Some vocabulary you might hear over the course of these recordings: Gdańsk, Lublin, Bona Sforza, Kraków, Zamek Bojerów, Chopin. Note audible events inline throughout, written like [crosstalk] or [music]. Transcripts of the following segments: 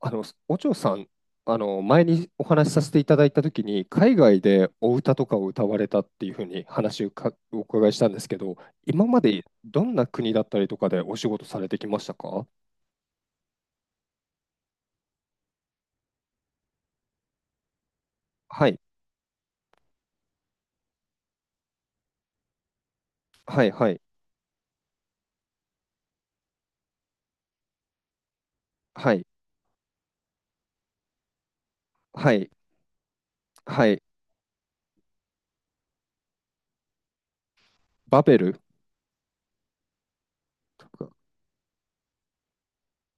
お嬢さん、前にお話しさせていただいたときに、海外でお歌とかを歌われたっていうふうに話をお伺いしたんですけど、今までどんな国だったりとかでお仕事されてきましたか？はい、はい、はい、はい、はい、はい、バベルとか、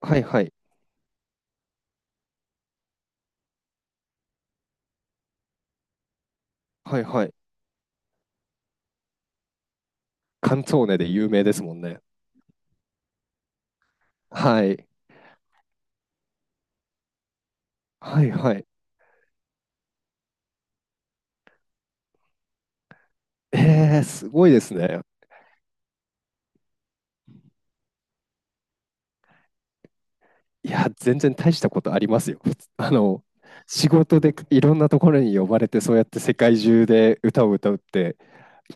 はい、はい、はい、はい、カンツォーネで有名ですもんね。はい、はい、はい。えー、すごいですね。いや、全然大したことありますよ。あの、仕事でいろんなところに呼ばれて、そうやって世界中で歌を歌うって、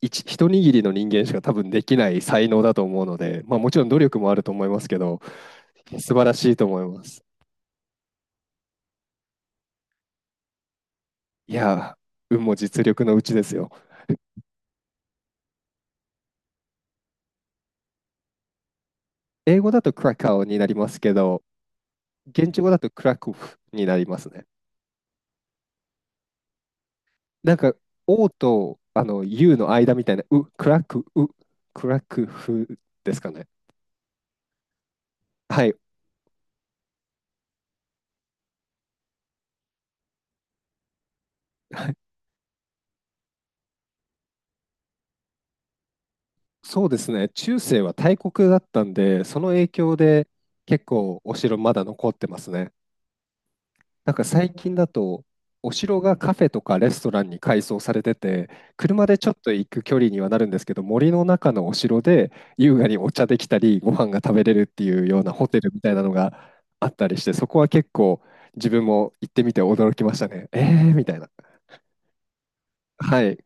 一握りの人間しか多分できない才能だと思うので、まあもちろん努力もあると思いますけど、素晴らしいと思います。いや、運も実力のうちですよ。英語だとクラカオになりますけど、現地語だとクラクフになりますね。なんか、O とあの U の間みたいな、う、クラクフですかね。はい。そうですね、中世は大国だったんで、その影響で結構お城まだ残ってますね。なんか最近だと、お城がカフェとかレストランに改装されてて、車でちょっと行く距離にはなるんですけど、森の中のお城で優雅にお茶できたり、ご飯が食べれるっていうようなホテルみたいなのがあったりして、そこは結構自分も行ってみて驚きましたね。えーみたいな。はい、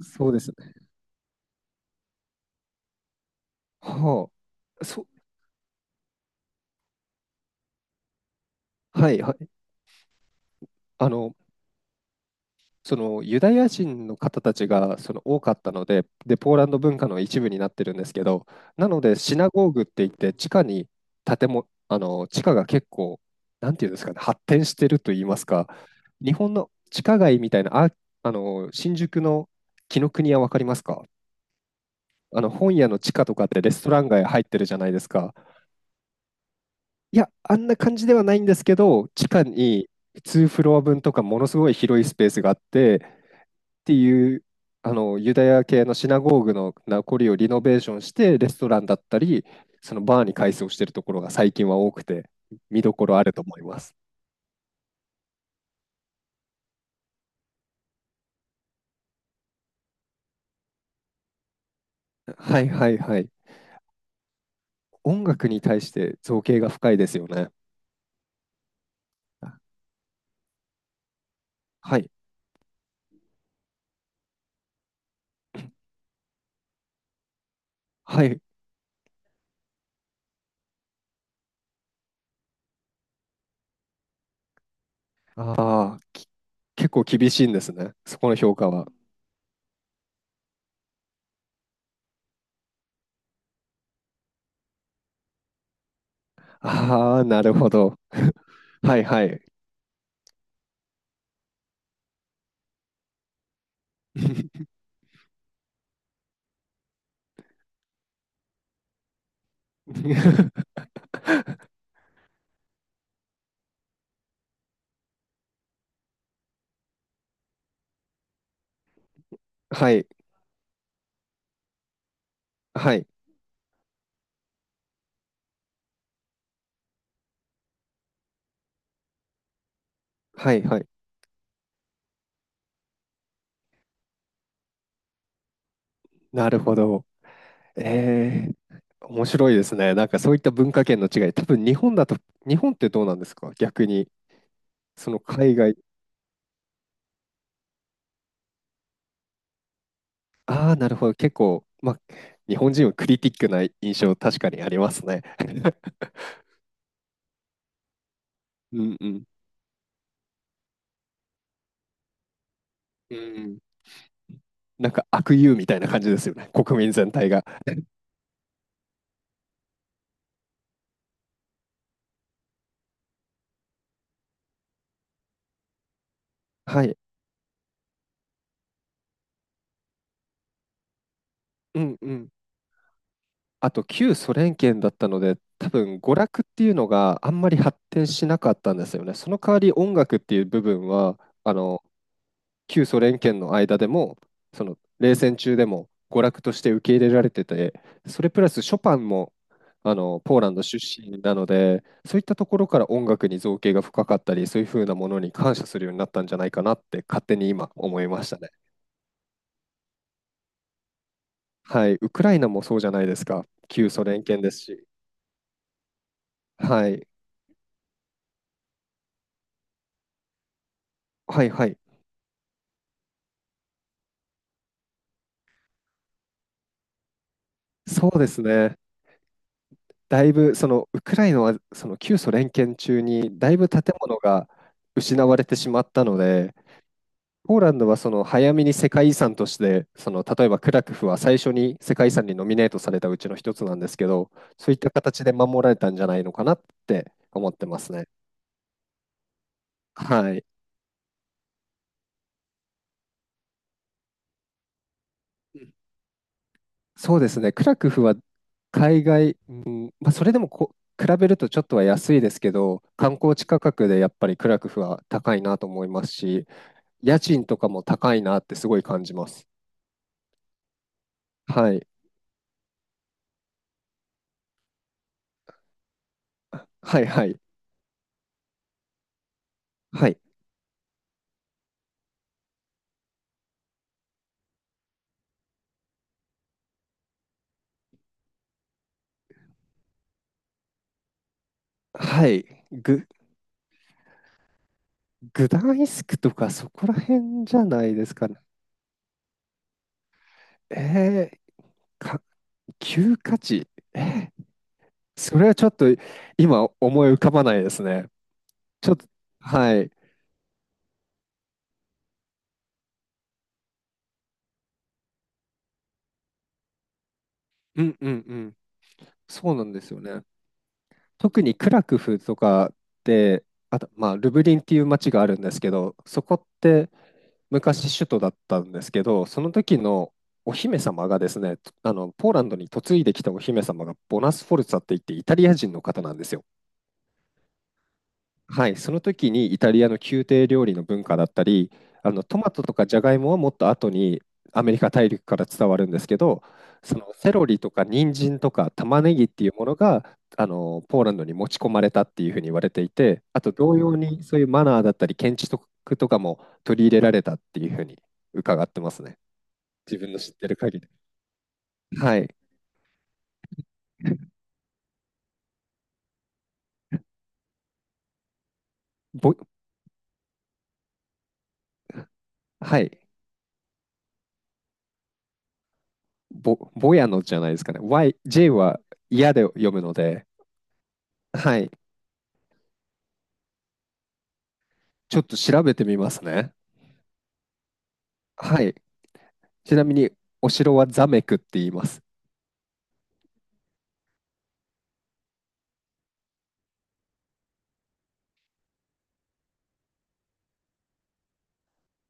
そうですね。はあ、はい、はい。あの、そのユダヤ人の方たちがその多かったので、で、ポーランド文化の一部になってるんですけど、なのでシナゴーグって言って地下に建物、あの地下が結構、なんていうんですかね、発展してると言いますか、日本の地下街みたいな、あ、あの新宿の紀伊国屋わかりますか？あの本屋の地下とかってレストラン街入ってるじゃないですか。いや、あんな感じではないんですけど、地下に2フロア分とかものすごい広いスペースがあって、ていうあのユダヤ系のシナゴーグの名残をリノベーションしてレストランだったりそのバーに改装してるところが最近は多くて見どころあると思います。はいはいはい。音楽に対して造詣が深いですよね。はいはい。ああ、結構厳しいんですね、そこの評価は。ああ、なるほど。はいはい。[laughs] はいはいはいはい。なるほど。えー、面白いですね。なんかそういった文化圏の違い、多分日本だと、日本ってどうなんですか逆に、その海外、ああ、なるほど、結構、まあ、日本人はクリティックな印象、確かにありますね。[laughs] うんうん。うん。なんか悪友みたいな感じですよね、国民全体が。はい。うんうん。あと、旧ソ連圏だったので、多分娯楽っていうのがあんまり発展しなかったんですよね。その代わり音楽っていう部分は、あの旧ソ連圏の間でも、その冷戦中でも娯楽として受け入れられてて、それプラスショパンもあのポーランド出身なので、そういったところから音楽に造詣が深かったり、そういうふうなものに感謝するようになったんじゃないかなって勝手に今思いましたね。はい、ウクライナもそうじゃないですか。旧ソ連圏ですし。はい、はいはい。そうですね。だいぶそのウクライナはその旧ソ連圏中にだいぶ建物が失われてしまったので、ポーランドはその早めに世界遺産として、その例えばクラクフは最初に世界遺産にノミネートされたうちの一つなんですけど、そういった形で守られたんじゃないのかなって思ってますね。はい。そうですね、クラクフは海外、うんまあ、それでも比べるとちょっとは安いですけど、観光地価格でやっぱりクラクフは高いなと思いますし、家賃とかも高いなってすごい感じます。はい、はい、はい、はい、はい、ぐ、グダンイスクとかそこら辺じゃないですかね。えー、か、旧価値。えー、それはちょっと今思い浮かばないですね。ちょっと、はい。うんうんうん。そうなんですよね。特にクラクフとかで、あと、まあ、ルブリンっていう街があるんですけど、そこって昔首都だったんですけど、その時のお姫様がですね、ポーランドに嫁いできたお姫様がボナス・フォルツァって言ってイタリア人の方なんですよ。はい、その時にイタリアの宮廷料理の文化だったり、あのトマトとかジャガイモはもっと後にアメリカ大陸から伝わるんですけど、そのセロリとか人参とか玉ねぎっていうものがあのポーランドに持ち込まれたっていうふうに言われていて、あと同様にそういうマナーだったり建築とかも取り入れられたっていうふうに伺ってますね。自分の知ってる限り。はい。ぼ、はい。ぼやのじゃないですかね。Y、J は嫌で読むので、はい。ちょっと調べてみますね。はい。ちなみに、お城はザメクって言います。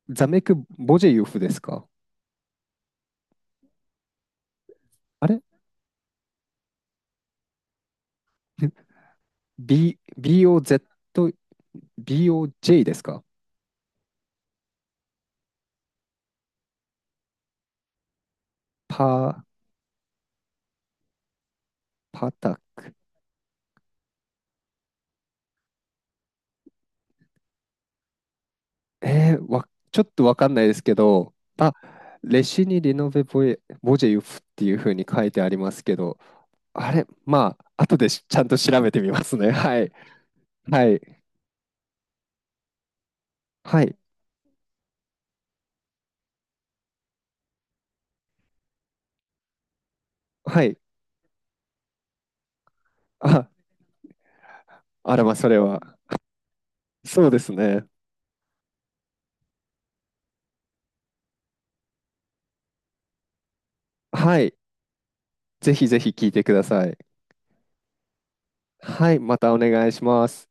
ザメク・ボジェユフですか？あれ [laughs] ?B、BOZ、BOJ ですか？パー、パタク。えー、わ、ちょっとわかんないですけど、あ、レシにリノベボエ、ボジェユフっていうふうに書いてありますけど、あれまあ、後でちゃんと調べてみますね。はい。はい。はい。はい。あ、あらま、それは。そうですね。はい。ぜひぜひ聞いてください。はい。またお願いします。